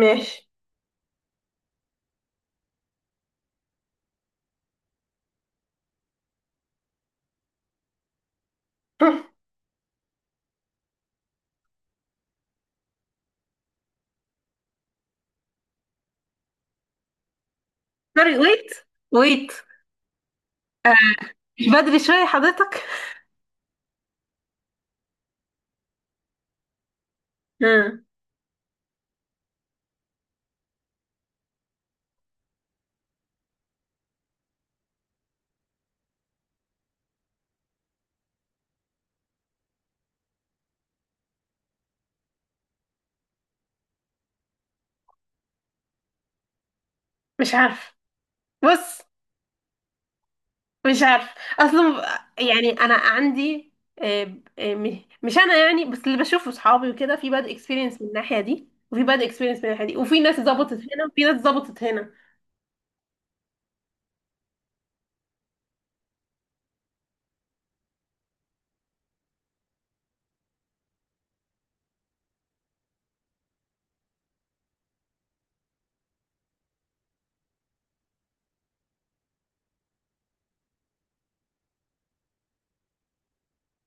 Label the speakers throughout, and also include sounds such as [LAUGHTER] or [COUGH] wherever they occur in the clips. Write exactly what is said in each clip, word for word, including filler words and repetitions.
Speaker 1: ماشي. [LAUGHS] سوري، ويت ويت! مش بدري شوية حضرتك؟ مم. مش عارف. بص، مش عارف اصلا. يعني انا عندي، آه، آه، م- مش انا يعني، بس اللي بشوفه صحابي وكده، في باد اكسبيرينس من الناحيه دي وفي باد اكسبيرينس من الناحيه دي، وفي ناس ظبطت هنا وفي ناس ظبطت هنا.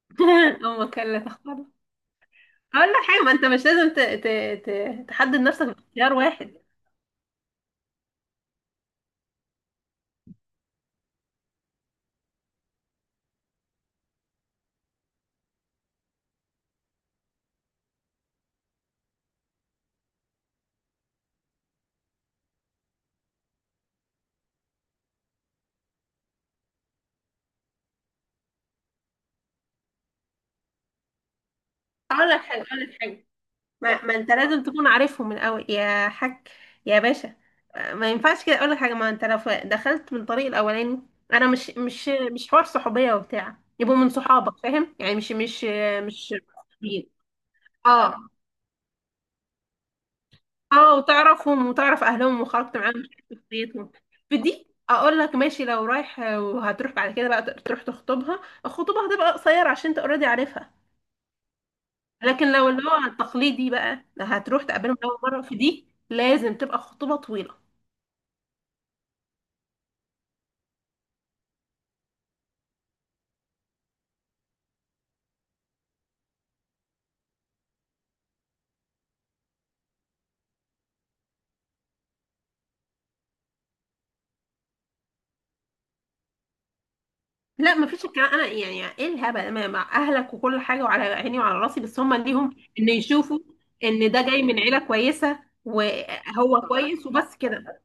Speaker 1: [LAUGHS] امك لا تختار! اقول لك حاجه، ما انت مش لازم ت... ت... ت... تحدد نفسك باختيار واحد. اقول لك حاجه اقول لك حاجه ما, ما انت لازم تكون عارفهم من الاول يا حاج، يا باشا. ما ينفعش كده. اقول لك حاجه، ما انت لو ف- دخلت من الطريق الاولاني، انا مش مش مش حوار صحوبيه وبتاع، يبقوا من صحابك، فاهم يعني؟ مش مش مش اه اه. وتعرفهم وتعرف اهلهم وخرجت معاهم وشفت شخصيتهم. في دي اقول لك ماشي، لو رايح وهتروح بعد كده بقى تروح تخطبها، الخطوبه هتبقى قصيره عشان انت اوريدي عارفها. لكن لو اللي هو التقليدي بقى، هتروح تقابلهم اول مره، في دي لازم تبقى خطوبه طويله. لا، مفيش الكلام! انا يعني ايه الهبل؟ ما- مع اهلك وكل حاجه وعلى عيني وعلى راسي، بس هم ليهم ان يشوفوا ان ده جاي من عيله كويسه وهو كويس، وبس كده.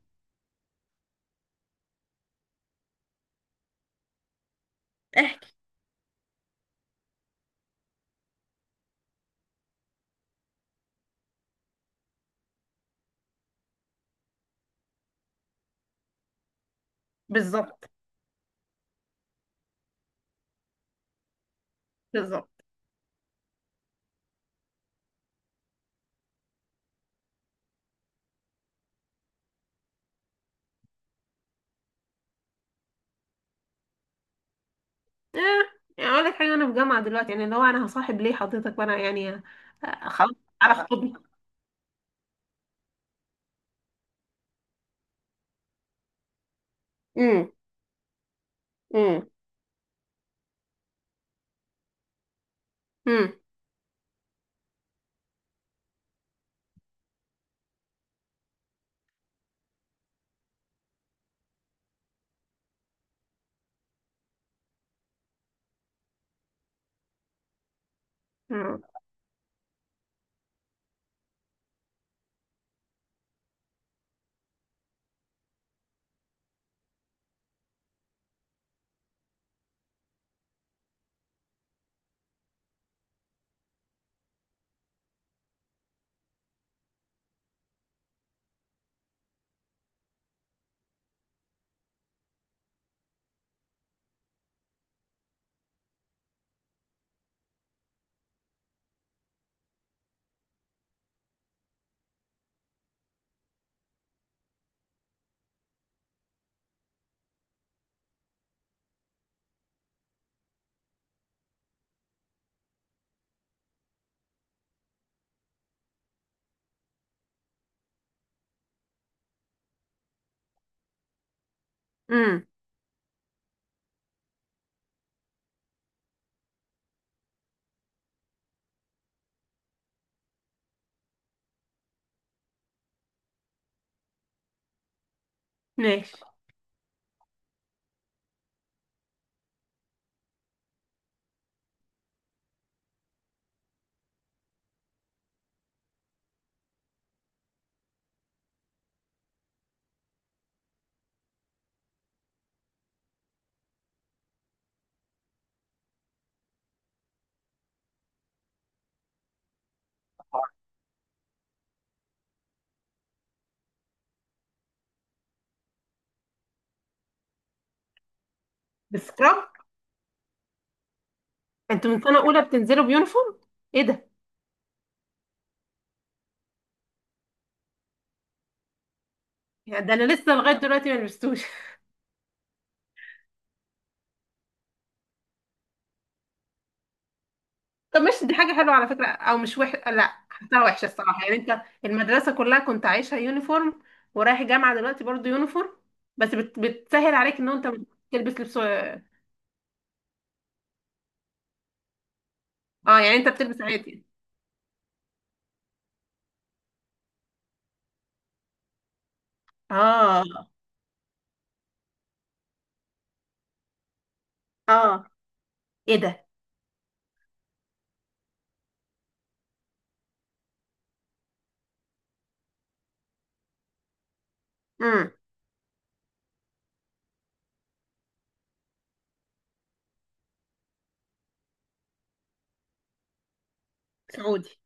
Speaker 1: احكي. بالظبط، بالظبط. اه. يعني اقول لك حاجه، انا في جامعه دلوقتي، يعني اللي هو انا هصاحب ليه حضرتك؟ وانا يعني آه، خلاص على خطوبي. امم. امم. امم. امم. أمم. ماشي. بسكراب؟ انتوا من سنه اولى بتنزلوا بيونيفورم؟ ايه ده! يعني ده انا لسه لغايه دلوقتي ما لبستوش. طب ماشي، دي حاجة حلوة على فكرة، أو مش وح لا، حتى وحشة الصراحة. يعني أنت المدرسة كلها كنت عايشها يونيفورم، ورايح جامعة دلوقتي برضو يونيفورم، بس بت... بتسهل عليك إن أنت بتلبس لبس. اه. يعني أنت بتلبس عادي؟ اه اه. إيه ده! امم. سعودي؟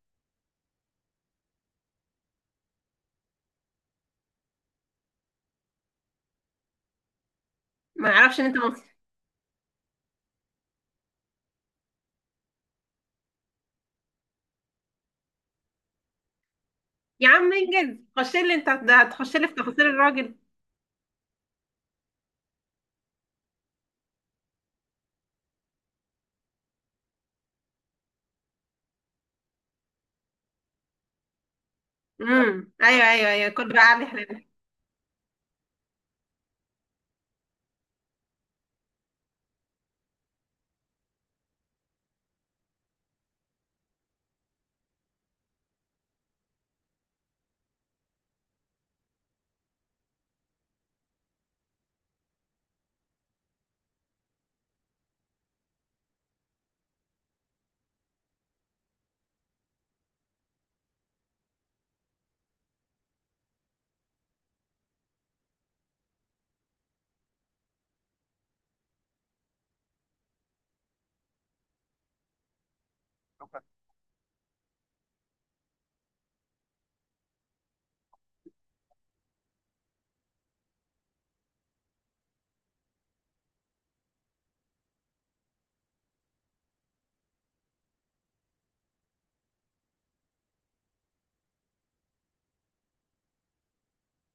Speaker 1: ما أعرفش إن أنت مصري. يا عم انجز، خش لي! أنت ده هتخش لي في تفاصيل الراجل! امم. أيوه أيوه أيوه، كنت بقى علي حلال.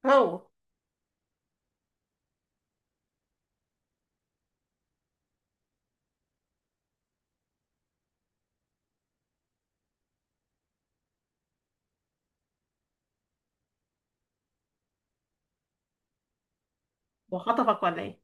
Speaker 1: هو وخطفك ولا إيه؟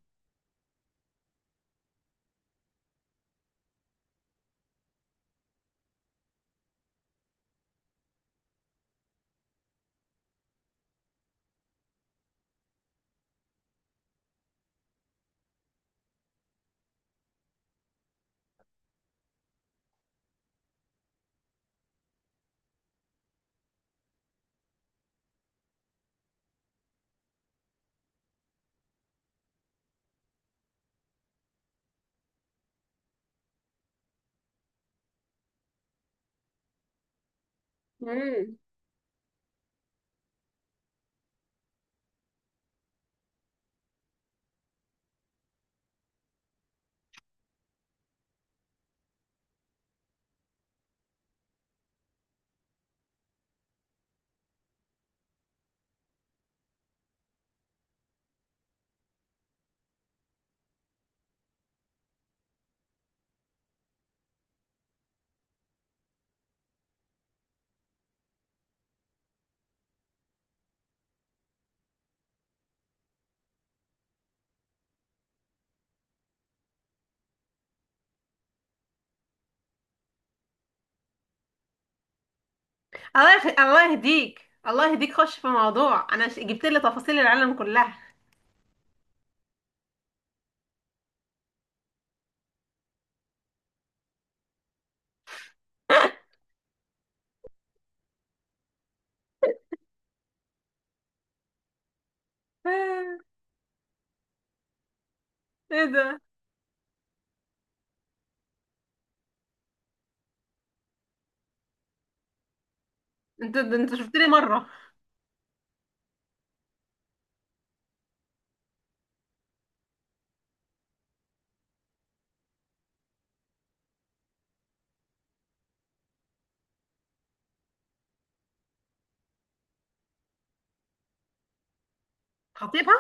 Speaker 1: مم. الله يخ... الله يهديك، الله يهديك، خش في موضوع. انا ش... جبت لي تفاصيل العالم كلها! آه، ايه ده؟ انت ده انت شفت لي مره. خطيبها!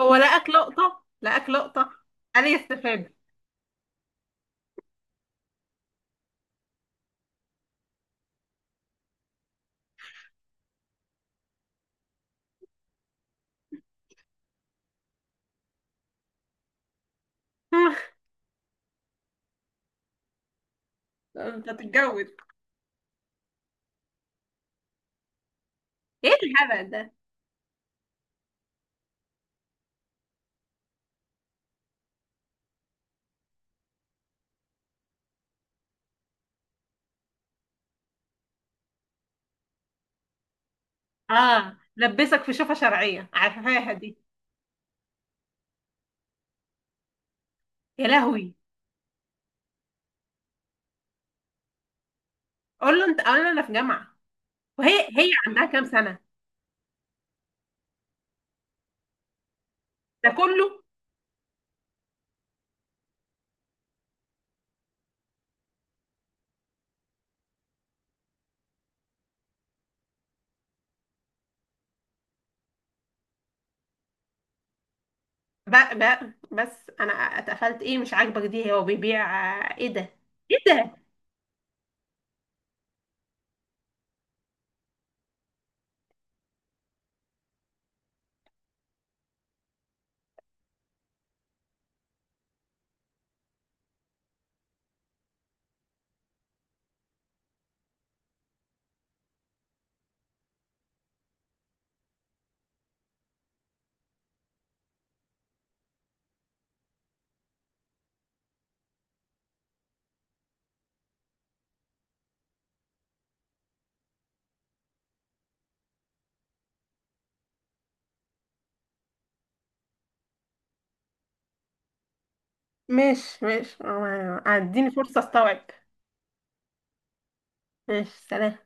Speaker 1: هو لقاك لقطه، لقاك لقطه. قال لي استفاد. [LAUGHS] انت تتجوز؟ ايه الهبل ده! اه، لبسك في شوفه شرعيه، عارفاها دي؟ يا لهوي! قول له انت، قول له انا في جامعه. وهي هي عندها كام سنه؟ ده كله؟ بقى، بقى، بس انا اتقفلت. ايه مش عاجبك؟ دي هو بيبيع! آه، ايه ده؟ ايه ده؟ ماشي ماشي، آه، اديني فرصة استوعب. ماشي. سلام.